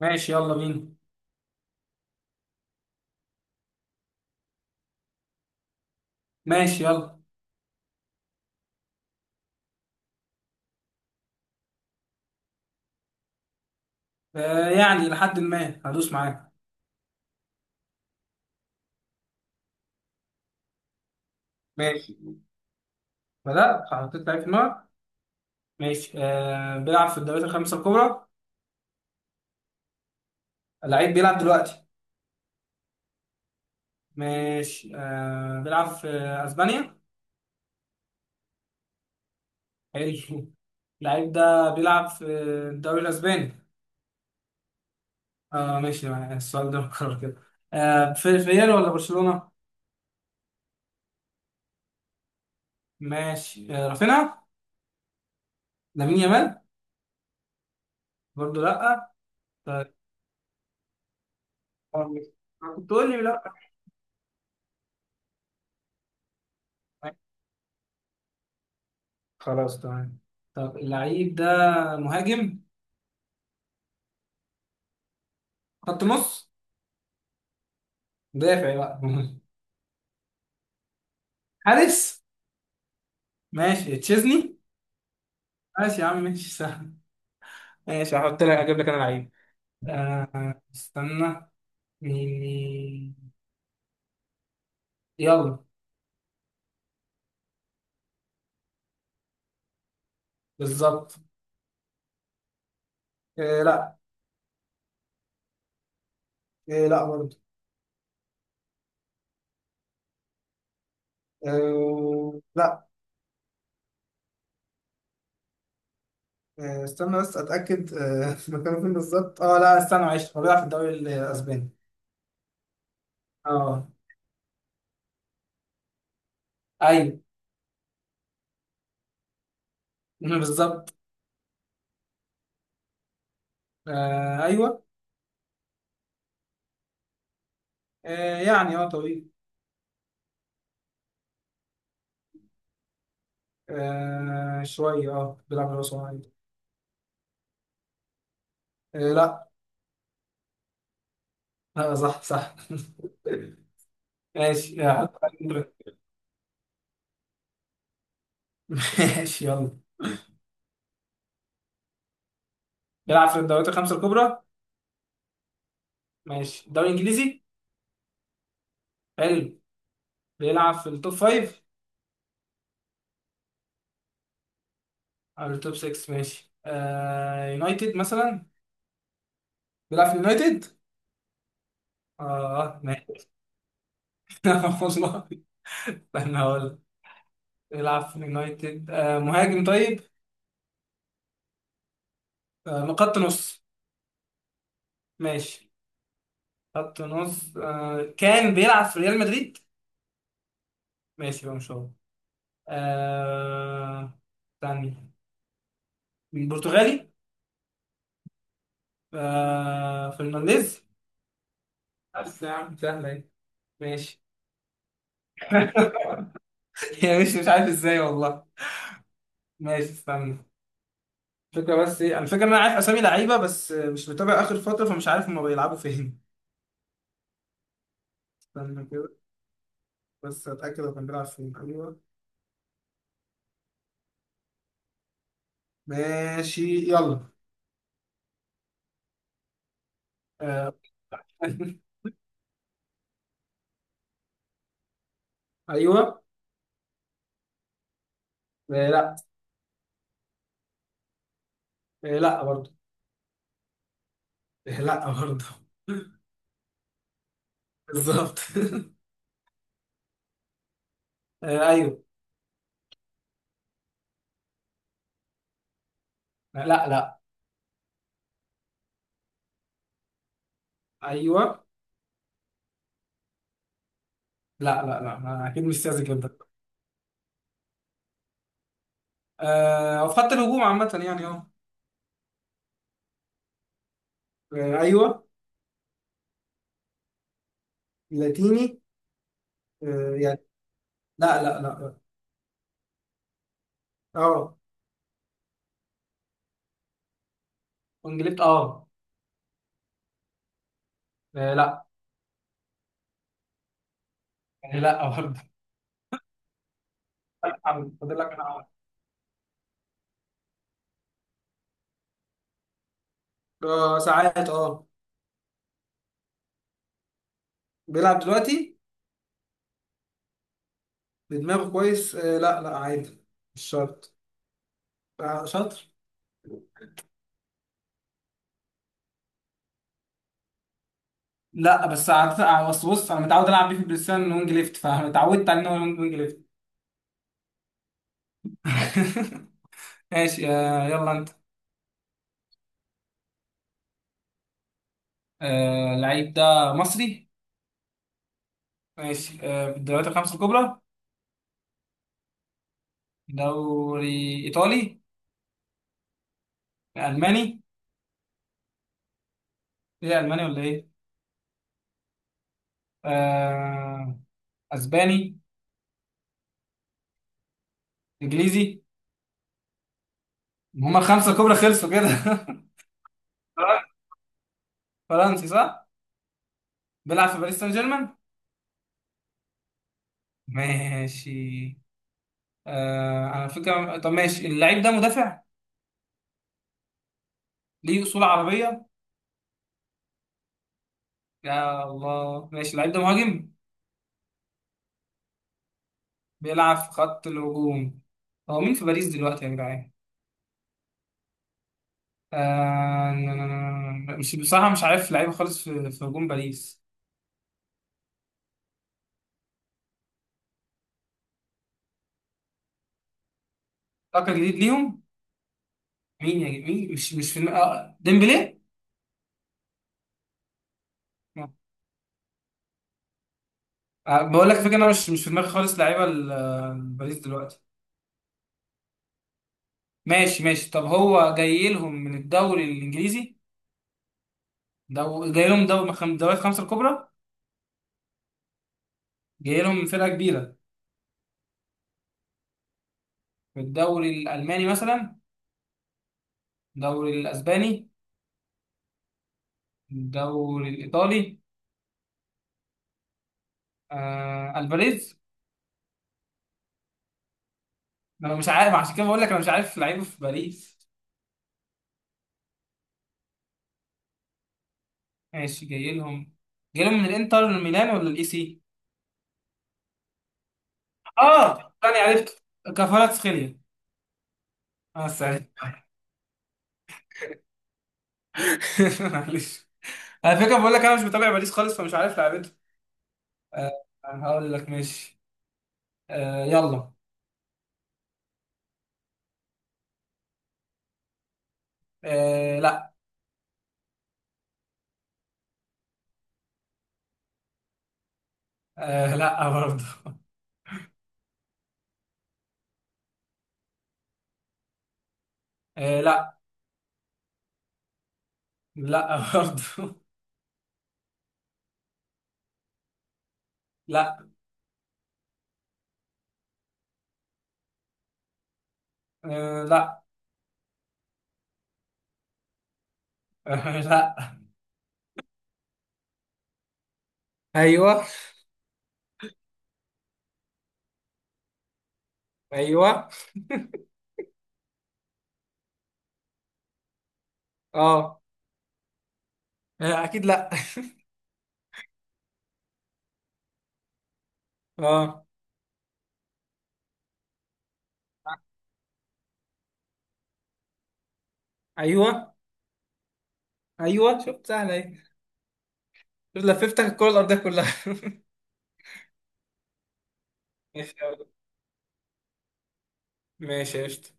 ماشي يلا بينا. ماشي يلا. آه يعني لحد ما هدوس معاك. ماشي. بدأت حطيت لعيب في دماغك. ماشي، آه بيلعب في الدوريات الخمسة الكبرى. اللعيب بيلعب دلوقتي. ماشي، آه بيلعب في أسبانيا. حلو. اللعيب ده بيلعب في الدوري الأسباني. اه ماشي معايا. السؤال ده مكرر كده. آه في ريال ولا برشلونة؟ ماشي، آه رافينيا. لامين يامال. برضه لا. طيب. آه، كنت تقول لي. لا. خلاص تمام. طب اللعيب ده مهاجم؟ خط نص؟ مدافع بقى؟ حارس؟ ماشي تشيزني. ماشي يا عم، ماشي سهل. ماشي هحط لك، اجيب لك انا لعيب. آه استنى. مين مين. يلا. بالظبط. آه لا. آه لا برضه. آه لا. آه استنى بس اتاكد مكانه فين بالظبط. اه لا استنى معلش، هو بيلعب في الدوري الاسباني. اه ايوه. بالظبط. آه ايوه. آه يعني طويل. آه شوية، بيلعب من رأسه عادي. آه لا. لا صح صح. ماشي يا عم. ماشي يلا. بيلعب في الدوريات الخمسة الكبرى. ماشي، الدوري الإنجليزي. حلو. بيلعب في التوب فايف. أو التوب 6. ماشي، يونايتد مثلا. بيلعب في اليونايتد. اه ماشي. والله استنى هقول لك. بيلعب في اليونايتد، مهاجم طيب. آه من خط نص. ماشي. خط نص، كان بيلعب في ريال مدريد. ماشي بقى مش هو. آه... ثاني. برتغالي. فرنانديز. بس يا عم سهلة ايه. ماشي. يا، مش عارف ازاي والله. ماشي استنى. الفكرة بس ايه الفكرة، ان انا عارف اسامي لعيبة بس مش متابع اخر فترة، فمش عارف هما بيلعبوا فين. استنى كده، بس اتأكد هو كان بيلعب فين. ايوه ماشي يلا. آه... ايوه. آه لا. آه لا برضه. آه لا برضه. بالظبط. آه ايوه. لا لا. ايوه. لا لا لا، اكيد مش سياسي جدا. آه وفي خط الهجوم عامة يعني آه، ايوه. لاتيني. آه يعني. لا لا لا. اه. انجليت آه، لا. يعني لا برضه. لا. فاضل لك انا آه، ساعات بيلعب دلوقتي بدماغه كويس. لا لا عادي. مش شرط. آه شاطر. لا، بس عادة- آه، بس بص انا متعود العب بيه في البلاي ستيشن وينج ليفت، فاتعودت على ان هو وينج ليفت. ماشي، يلا انت. آه اللعيب ده مصري. ماشي، في الدوريات الخمسة الكبرى. دوري إيطالي؟ ألماني؟ إيه، ألماني ولا إيه؟ آه، أسباني؟ إنجليزي؟ هما الخمسة الكبرى خلصوا كده. فرنسي صح؟ بيلعب في باريس سان جيرمان؟ ماشي. أنا فكرة. طب ماشي، اللعيب ده مدافع؟ ليه أصول عربية؟ يا الله. ماشي، اللعيب ده مهاجم؟ بيلعب في خط الهجوم. هو مين في باريس دلوقتي يا جدعان؟ مش بصراحة، مش عارف لعيبة خالص في هجوم باريس. فاكر جديد ليهم. مين يا جديد؟ مين، مش في دماغي. ديمبلي. آه، بقول لك فكرة، انا مش في دماغي خالص لعيبة باريس دلوقتي. ماشي ماشي. طب هو جاي لهم من الدوري الانجليزي؟ جاي لهم دوري من الدوريات الخمسة الكبرى. جاي لهم من فرقة كبيرة. من الدوري الالماني مثلا؟ الدوري الاسباني؟ الدوري الايطالي؟ الفاريز. انا مش عارف، عشان كده بقول لك انا مش عارف لعيبة في باريس. ماشي جاي لهم. جاي لهم من الانتر ميلان ولا الاي سي؟ اه انا عرفت، كفاراتسخيليا. اه سعيد. معلش. على فكره بقول لك انا مش متابع باريس خالص، فمش عارف لعبته. آه. هقول لك ماشي. يلا. آه لا. آه لا برضه. آه لا. لا برضه. لا. آه لا. آه لا. ايوه. ايوه. اه. اكيد لا. اه. ايوه. ايوه شفت سهله اهي. شفت لففتك الكره الارضيه كلها. ماشي يلا. ماشي قشطة.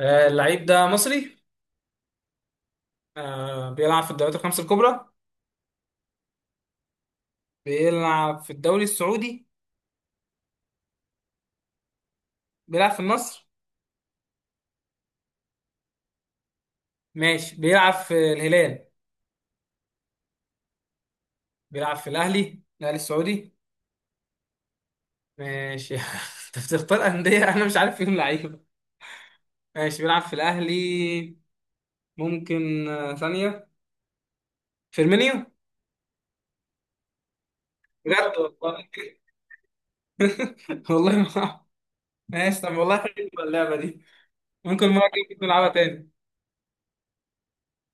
اللعيب ده مصري. بيلعب في الدوريات الخمسة الكبرى. بيلعب في الدوري السعودي. بيلعب في النصر. ماشي بيلعب في الهلال. بيلعب في الأهلي، الأهلي السعودي. ماشي. أنت بتختار أندية أنا مش عارف فيهم لعيبة. ماشي بيلعب في الأهلي. ممكن ثانية. فيرمينيو. بجد. والله. والله ما. ماشي طب، والله حلوة اللعبة دي. ممكن مرة كده نلعبها تاني.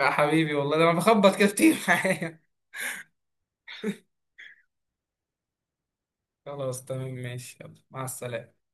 يا حبيبي والله، ده أنا بخبط كده كتير. خلاص تمام، ماشي يلا، مع السلامة.